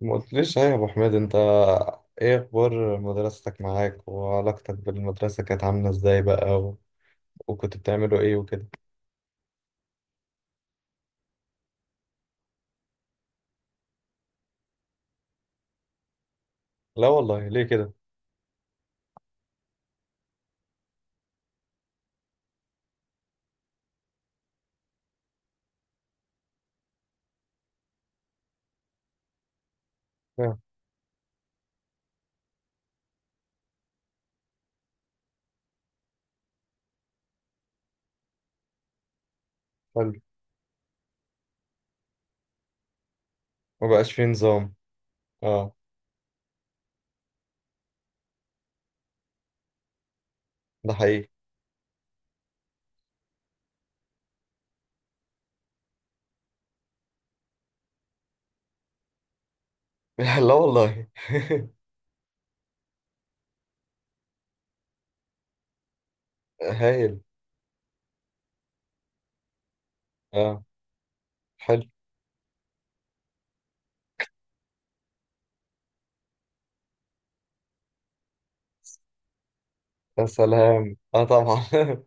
ما قلتليش صحيح يا ابو حميد انت؟ ايه اخبار مدرستك معاك، وعلاقتك بالمدرسه كانت عامله ازاي بقى؟ و... وكنت بتعملوا ايه وكده؟ لا والله، ليه كده؟ آه. حلو. ما بقاش في نظام. اه. ده حقيقي. لا والله. هايل. اه. حلو. يا سلام، اه طبعا.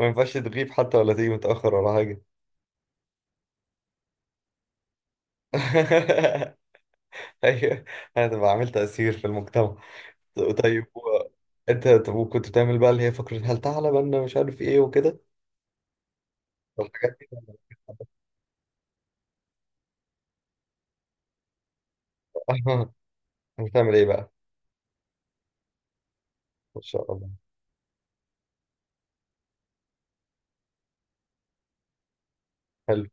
ما ينفعش تغيب حتى ولا تيجي متاخر ولا حاجه. ايوه. هتبقى عامل تاثير في المجتمع. طيب انت، طب، وكنت بتعمل بقى اللي هي فكره هل تعلم ان مش عارف ايه وكده؟ طب الحاجات دي. آه. هتعمل ايه بقى؟ ان شاء الله. حلو.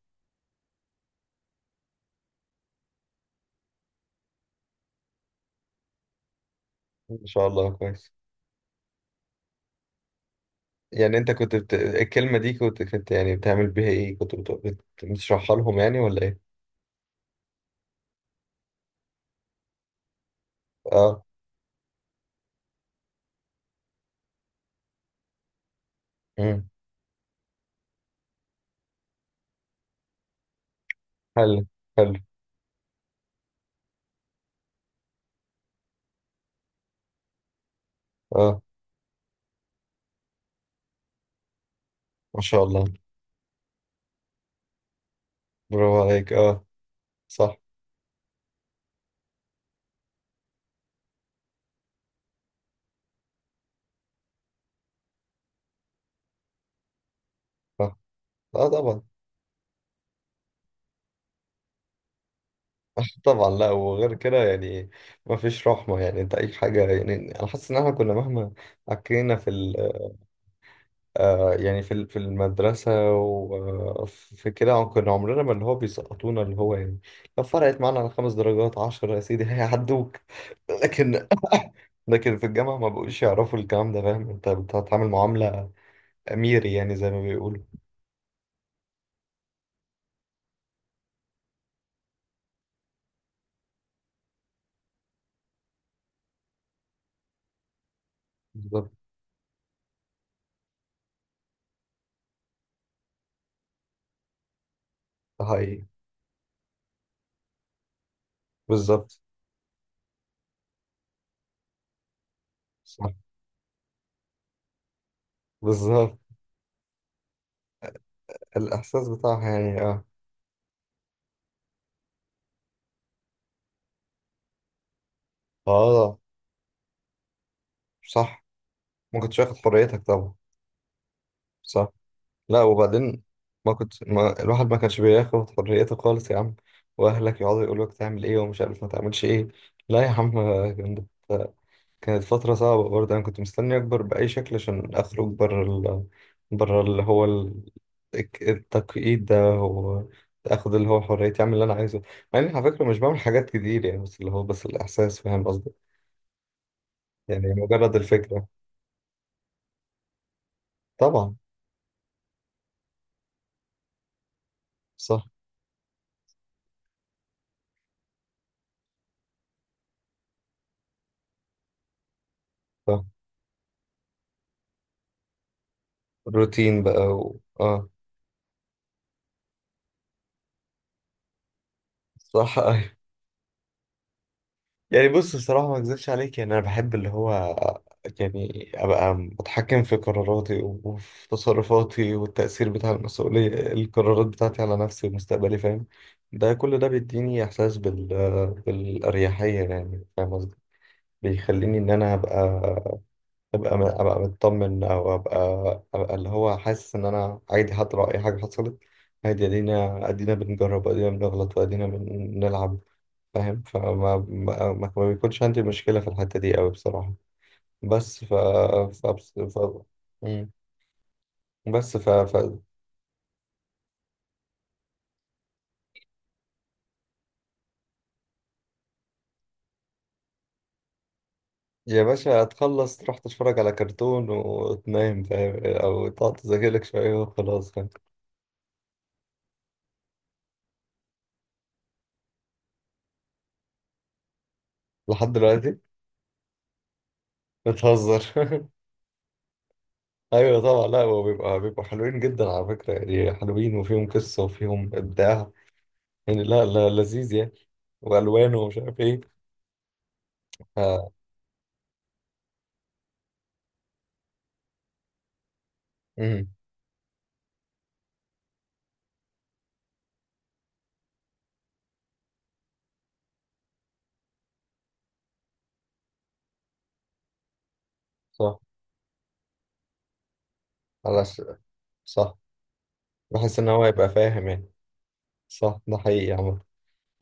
ان شاء الله، كويس. يعني انت كنت الكلمة دي كنت يعني بتعمل بيها ايه، كنت بتشرحها لهم يعني، ولا ايه؟ اه. امم. حلو. حلو. اه. ما شاء الله، برافو عليك. اه. صح. صح. اه طبعا. طبعا لا، وغير كده يعني ما فيش رحمة. يعني انت اي حاجة، يعني انا حاسس ان احنا كنا مهما عكينا في آه، يعني في المدرسة وفي كده، كنا عمرنا ما اللي هو بيسقطونا اللي هو، يعني لو فرقت معانا على خمس درجات عشرة يا سيدي هيعدوك. لكن في الجامعة ما بقوش يعرفوا الكلام ده، فاهم؟ انت بتتعامل معاملة أميري، يعني زي ما بيقولوا. بالظبط. ده حقيقي. بالظبط. صح. بالظبط. الإحساس بتاعها يعني، اه. اه صح. ما كنتش واخد حريتك طبعا. صح. لا، وبعدين ما كنت ما الواحد ما كانش بياخد حريته خالص يا عم، واهلك يقعدوا يقولوا لك تعمل ايه ومش عارف ما تعملش ايه. لا يا عم. كانت كانت فترة صعبة برضه. انا كنت مستني اكبر بأي شكل عشان اخرج بره اللي هو التقييد ده، واخد اللي هو حريتي اعمل اللي انا عايزه. مع اني على فكرة مش بعمل حاجات كتير يعني، بس اللي هو بس الاحساس، فاهم قصدي؟ يعني مجرد الفكرة. طبعا. صح. صح. روتين بقى اه. صح أيوه. يعني بص، الصراحة ما اكذبش عليك، يعني انا بحب اللي هو يعني ابقى متحكم في قراراتي وفي تصرفاتي، والتأثير بتاع المسؤولية، القرارات بتاعتي على نفسي ومستقبلي فاهم. ده كل ده بيديني احساس بالأريحية يعني، فاهم قصدي؟ بيخليني ان انا ابقى مطمن، او ابقى اللي هو حاسس ان انا عادي حتى لو اي حاجة حصلت. عادي، ادينا بنجرب، ادينا بنغلط، وادينا بنلعب فاهم. فما ما, ما ما بيكونش عندي مشكلة في الحتة دي قوي بصراحة. بس ف ف, ف... مم. بس ف... ف يا باشا هتخلص تروح تتفرج على كرتون وتنام فاهم، او تقعد تذاكر لك شوية وخلاص فاهم. لحد دلوقتي؟ بتهزر. ايوه طبعا، لا هو بيبقوا حلوين جدا على فكرة يعني، حلوين وفيهم قصة وفيهم ابداع يعني. لا لا، لذيذ يعني، والوان ومش عارف ايه. ف... مم. صح. على صح. بحس ان هو يبقى فاهم يعني. صح، ده حقيقي يا عم.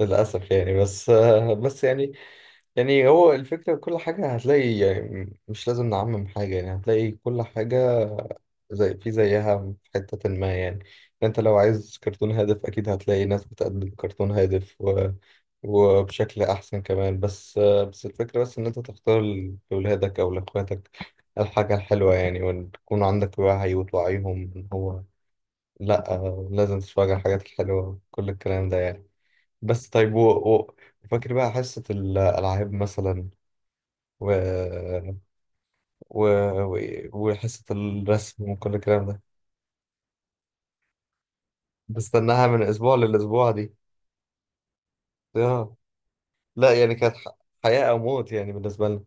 للأسف يعني، بس يعني يعني هو الفكرة، كل حاجة هتلاقي يعني، مش لازم نعمم حاجة، يعني هتلاقي كل حاجة زي في زيها في حتة ما يعني. انت لو عايز كرتون هادف أكيد هتلاقي ناس بتقدم كرتون هادف وبشكل أحسن كمان، بس الفكرة بس إن أنت تختار لأولادك أو لأخواتك الحاجة الحلوة يعني، وتكون عندك وعي وتوعيهم إن هو لأ، لازم تتفرج على الحاجات الحلوة، كل الكلام ده يعني. بس طيب وفاكر بقى حصة الألعاب مثلا، و... و... و... وحصة الرسم وكل الكلام ده. بستناها من أسبوع للأسبوع دي. آه. لا يعني كانت حياة أو موت يعني بالنسبة لنا.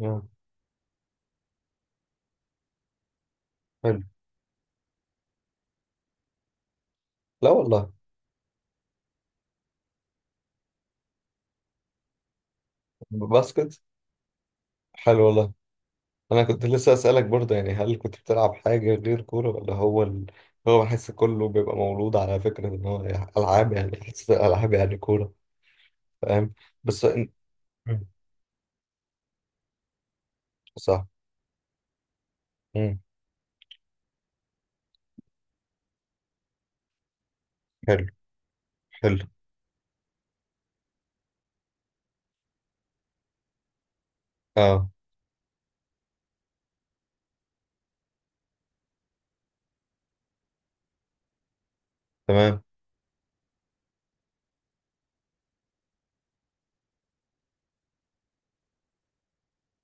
آه. حلو. لا والله. باسكت. حلو والله. أنا كنت لسه أسألك برضه يعني، هل كنت بتلعب حاجة غير كورة، ولا هو هو بحس كله بيبقى مولود على فكرة إن هو يعني ألعاب، يعني حصة الألعاب يعني كورة، فاهم؟ بس إن- صح. مم. حلو. حلو. اه. تمام.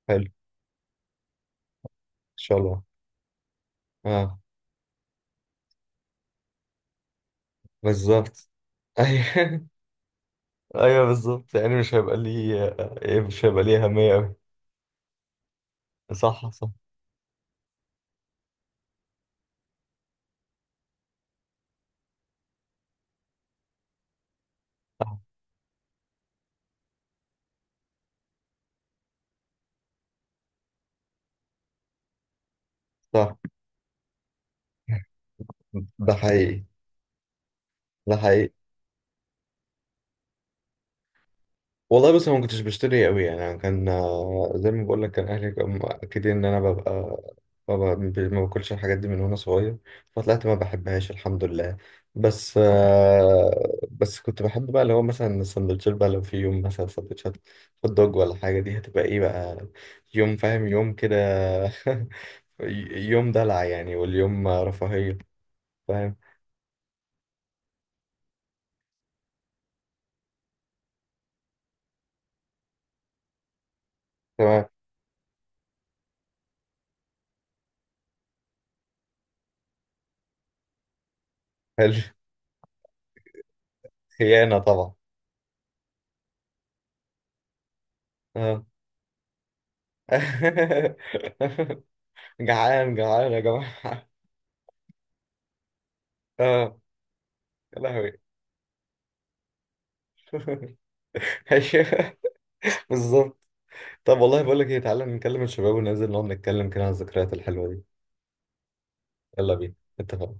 حلو. ان شاء الله. اه بالظبط. ايوه ايوه بالظبط يعني مش هيبقى لي اهميه قوي. صح صح صح صح. ده حقيقي. ده حقيقي. والله بص، أنا ما كنتش بشتري قوي يعني، أنا كان زي ما بقول لك، كان اهلي كانوا مأكدين ان انا ببقى ببقى ما باكلش الحاجات دي من وانا صغير، فطلعت ما بحبهاش الحمد لله. بس كنت بحب بقى اللي هو مثلا السندوتشات، بقى لو في يوم مثلا سندوتشات هوت دوج ولا حاجة، دي هتبقى ايه بقى يوم فاهم، يوم كده، يوم دلع يعني، واليوم رفاهية. فاهم. تمام. حلو. خيانة طبعا. اه. جعان جعان يا جماعة. اه يا لهوي. أيوه، بالظبط. طب والله بقول لك ايه، تعالى نكلم الشباب وننزل نقعد نتكلم كده عن الذكريات الحلوة دي. يلا بينا. اتفقنا.